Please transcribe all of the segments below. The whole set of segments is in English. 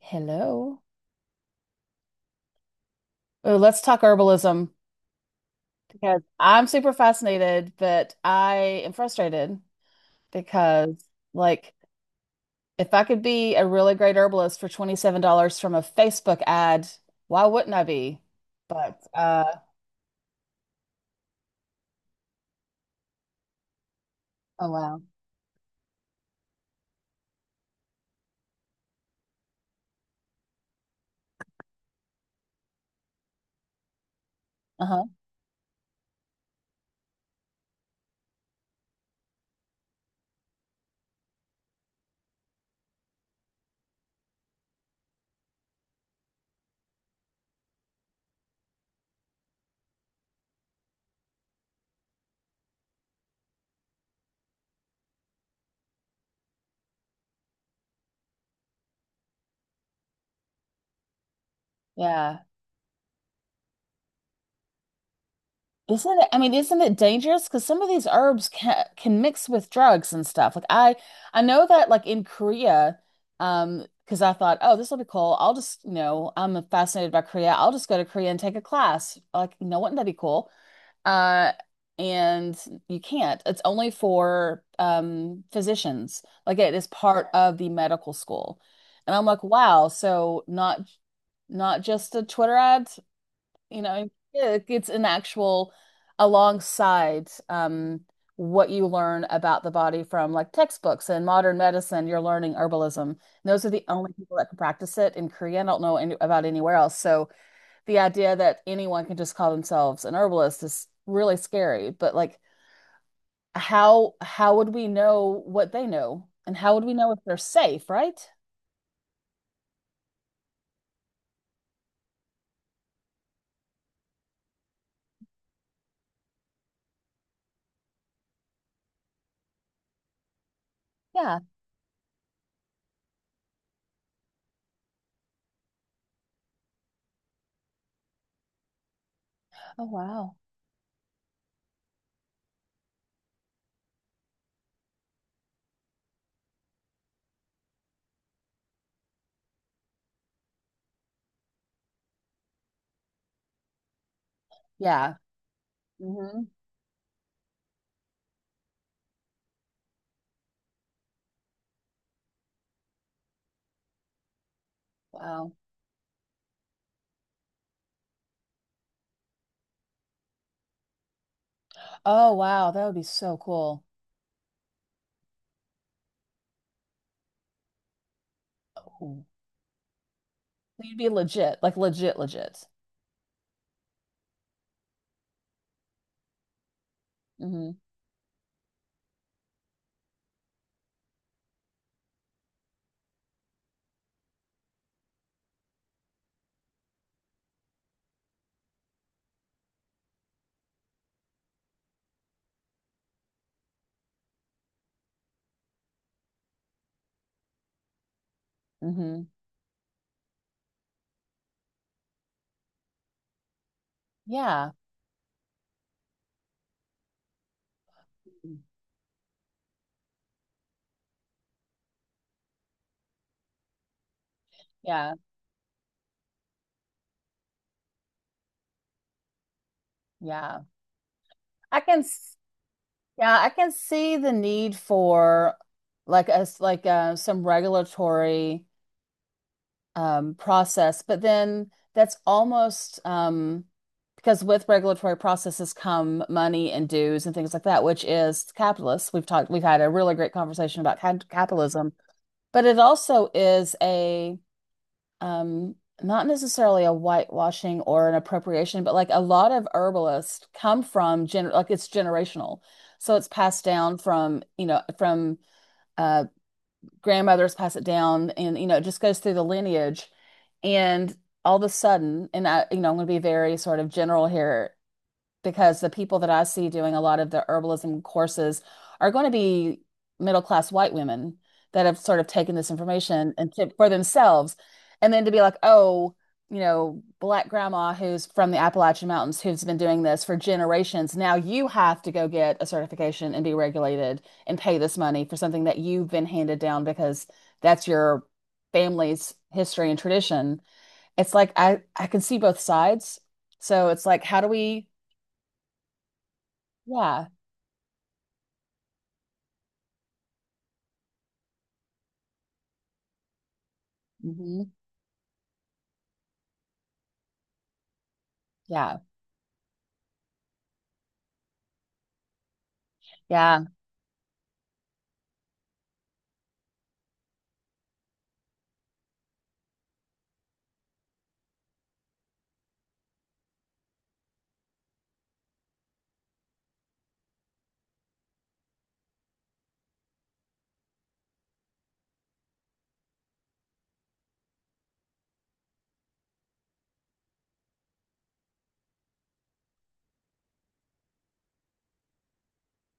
Hello. Oh, let's talk herbalism because I'm super fascinated, but I am frustrated because, like, if I could be a really great herbalist for $27 from a Facebook ad, why wouldn't I be? But, uh, oh wow. Uh-huh. Yeah. Isn't it, I mean, isn't it dangerous? Because some of these herbs can mix with drugs and stuff. I know that like in Korea, because I thought, oh, this will be cool. I'll just, you know, I'm fascinated by Korea. I'll just go to Korea and take a class. Like, you know, wouldn't that be cool? Uh, and you can't. It's only for physicians. Like it is part of the medical school. And I'm like, wow. So not just a Twitter ad. You know, yeah, it's an actual alongside what you learn about the body from like textbooks and modern medicine, you're learning herbalism. And those are the only people that can practice it in Korea. I don't know about anywhere else. So the idea that anyone can just call themselves an herbalist is really scary. But like, how would we know what they know, and how would we know if they're safe, right? Yeah. Oh, wow. Yeah. Hmm. Wow. Oh, wow. That would be so cool. You'd be legit, like legit, legit. Hmm. Hmm. Yeah. Yeah. Yeah. I can s- yeah, I can see the need for like us some regulatory process, but then that's almost because with regulatory processes come money and dues and things like that, which is capitalist. We've had a really great conversation about capitalism, but it also is a um not necessarily a whitewashing or an appropriation, but like a lot of herbalists come from gen like it's generational. So it's passed down from, you know, from uh grandmothers pass it down, and you know it just goes through the lineage. And all of a sudden, and I, you know, I'm going to be very sort of general here because the people that I see doing a lot of the herbalism courses are going to be middle class white women that have sort of taken this information for themselves. And then to be like, oh, you know, black grandma who's from the Appalachian Mountains who's been doing this for generations. Now you have to go get a certification and be regulated and pay this money for something that you've been handed down because that's your family's history and tradition. It's like I can see both sides. So it's like how do we yeah. Hmm. Yeah, yeah,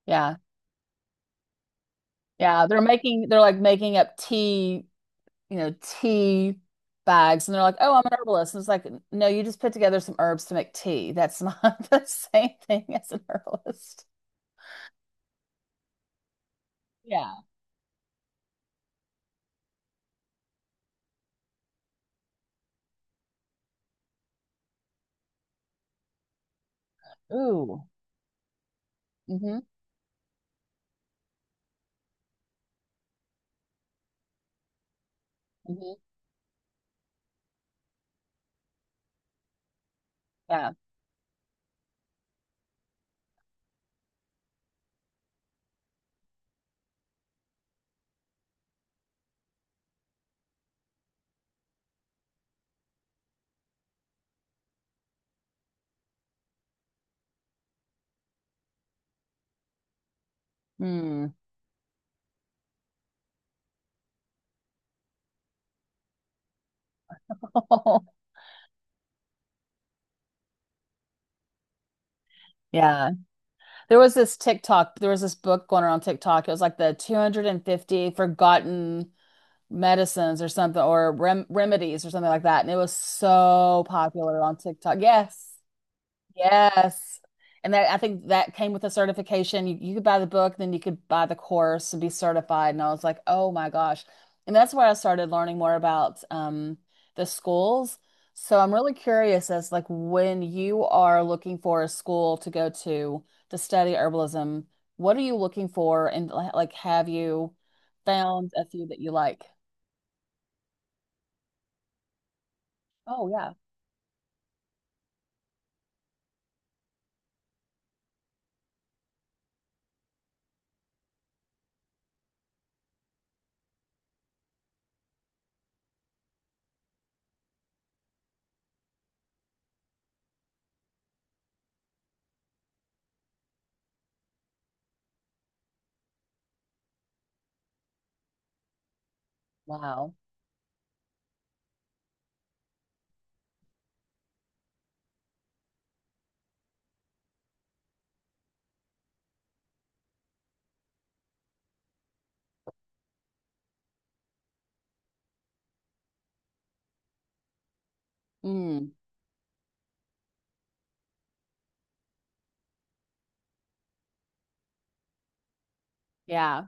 yeah, yeah. They're like making up tea, you know, tea bags, and they're like, "Oh, I'm an herbalist." And it's like, no, you just put together some herbs to make tea. That's not the same thing as an herbalist. Yeah. Ooh. Mm-hmm. Mm-hmm. Yeah. Hmm. Yeah. There was this TikTok, there was this book going around TikTok. It was like the 250 forgotten medicines or something or remedies or something like that. And it was so popular on TikTok. Yes. Yes. And that, I think that came with a certification. You could buy the book, then you could buy the course and be certified. And I was like, oh my gosh. And that's where I started learning more about the schools. So I'm really curious as like when you are looking for a school to go to study herbalism, what are you looking for? And like, have you found a few that you like? Oh yeah. Wow. Mm, yeah.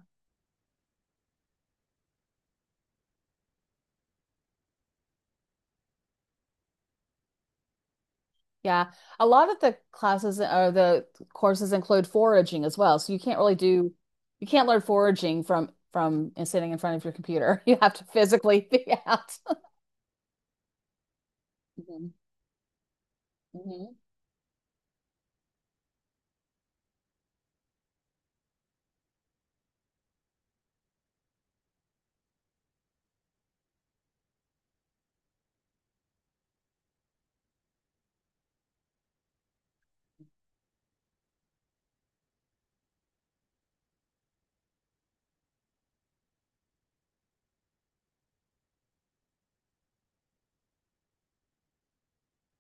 Yeah. A lot of the classes or the courses include foraging as well. So you can't really do you can't learn foraging from sitting in front of your computer. You have to physically be out. Hmm. Hmm.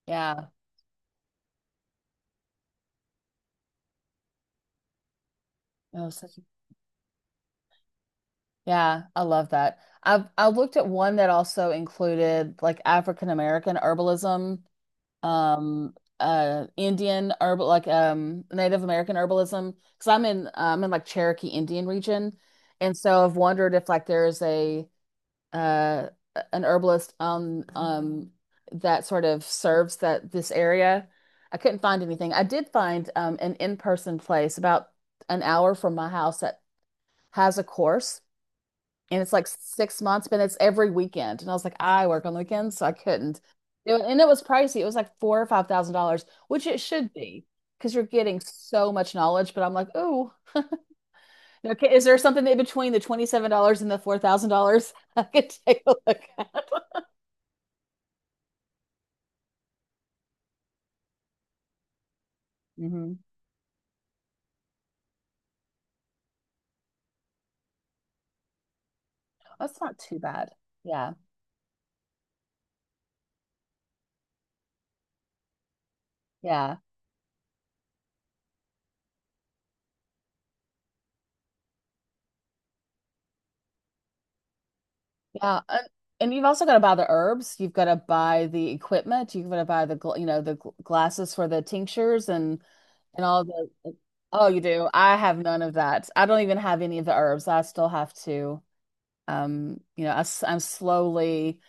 Yeah. Oh, such a, yeah, I love that. I looked at one that also included like African American herbalism, um Indian herbal, like Native American herbalism, because I'm in like Cherokee Indian region, and so I've wondered if like there is a uh an herbalist that sort of serves that this area. I couldn't find anything. I did find an in-person place about an hour from my house that has a course, and it's like 6 months, but it's every weekend. And I was like, I work on the weekends, so I couldn't do it. And it was pricey. It was like four or five thousand dollars, which it should be because you're getting so much knowledge. But I'm like, oh, okay. Is there something in between the $27 and the $4,000 I could take a look at? Hmm. That's not too bad. Yeah, yeah, yeah. And you've also got to buy the herbs. You've got to buy the equipment. You've got to buy the you know glasses for the tinctures and all the oh you do. I have none of that. I don't even have any of the herbs. I still have to, you know, I am slowly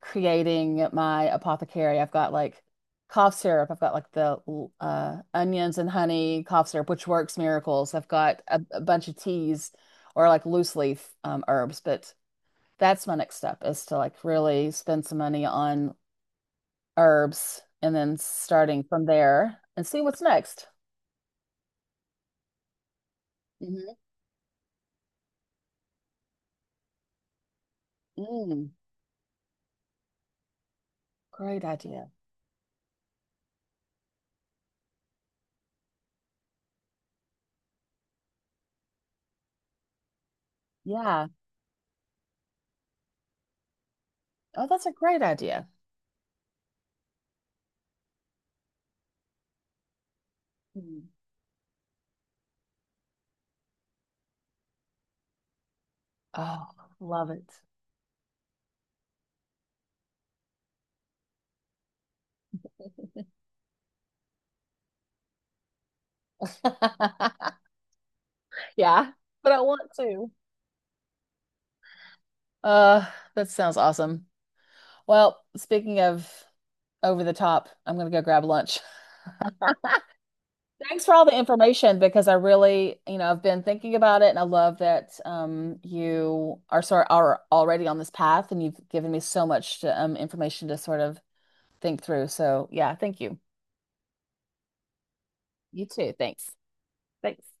creating my apothecary. I've got like cough syrup. I've got like onions and honey cough syrup, which works miracles. I've got a bunch of teas or like loose leaf herbs. But that's my next step, is to like really spend some money on herbs and then starting from there and see what's next. Hmm. Great idea. Yeah. Oh, that's a great idea. Mm. Oh, love it. Yeah, but I want to. Uh, that sounds awesome. Well, speaking of over the top, I'm gonna go grab lunch. Thanks for all the information because I really, you know, I've been thinking about it and I love that you are sort are already on this path, and you've given me so much um, information to sort of think through. So yeah, thank you. You too. Thanks. Thanks.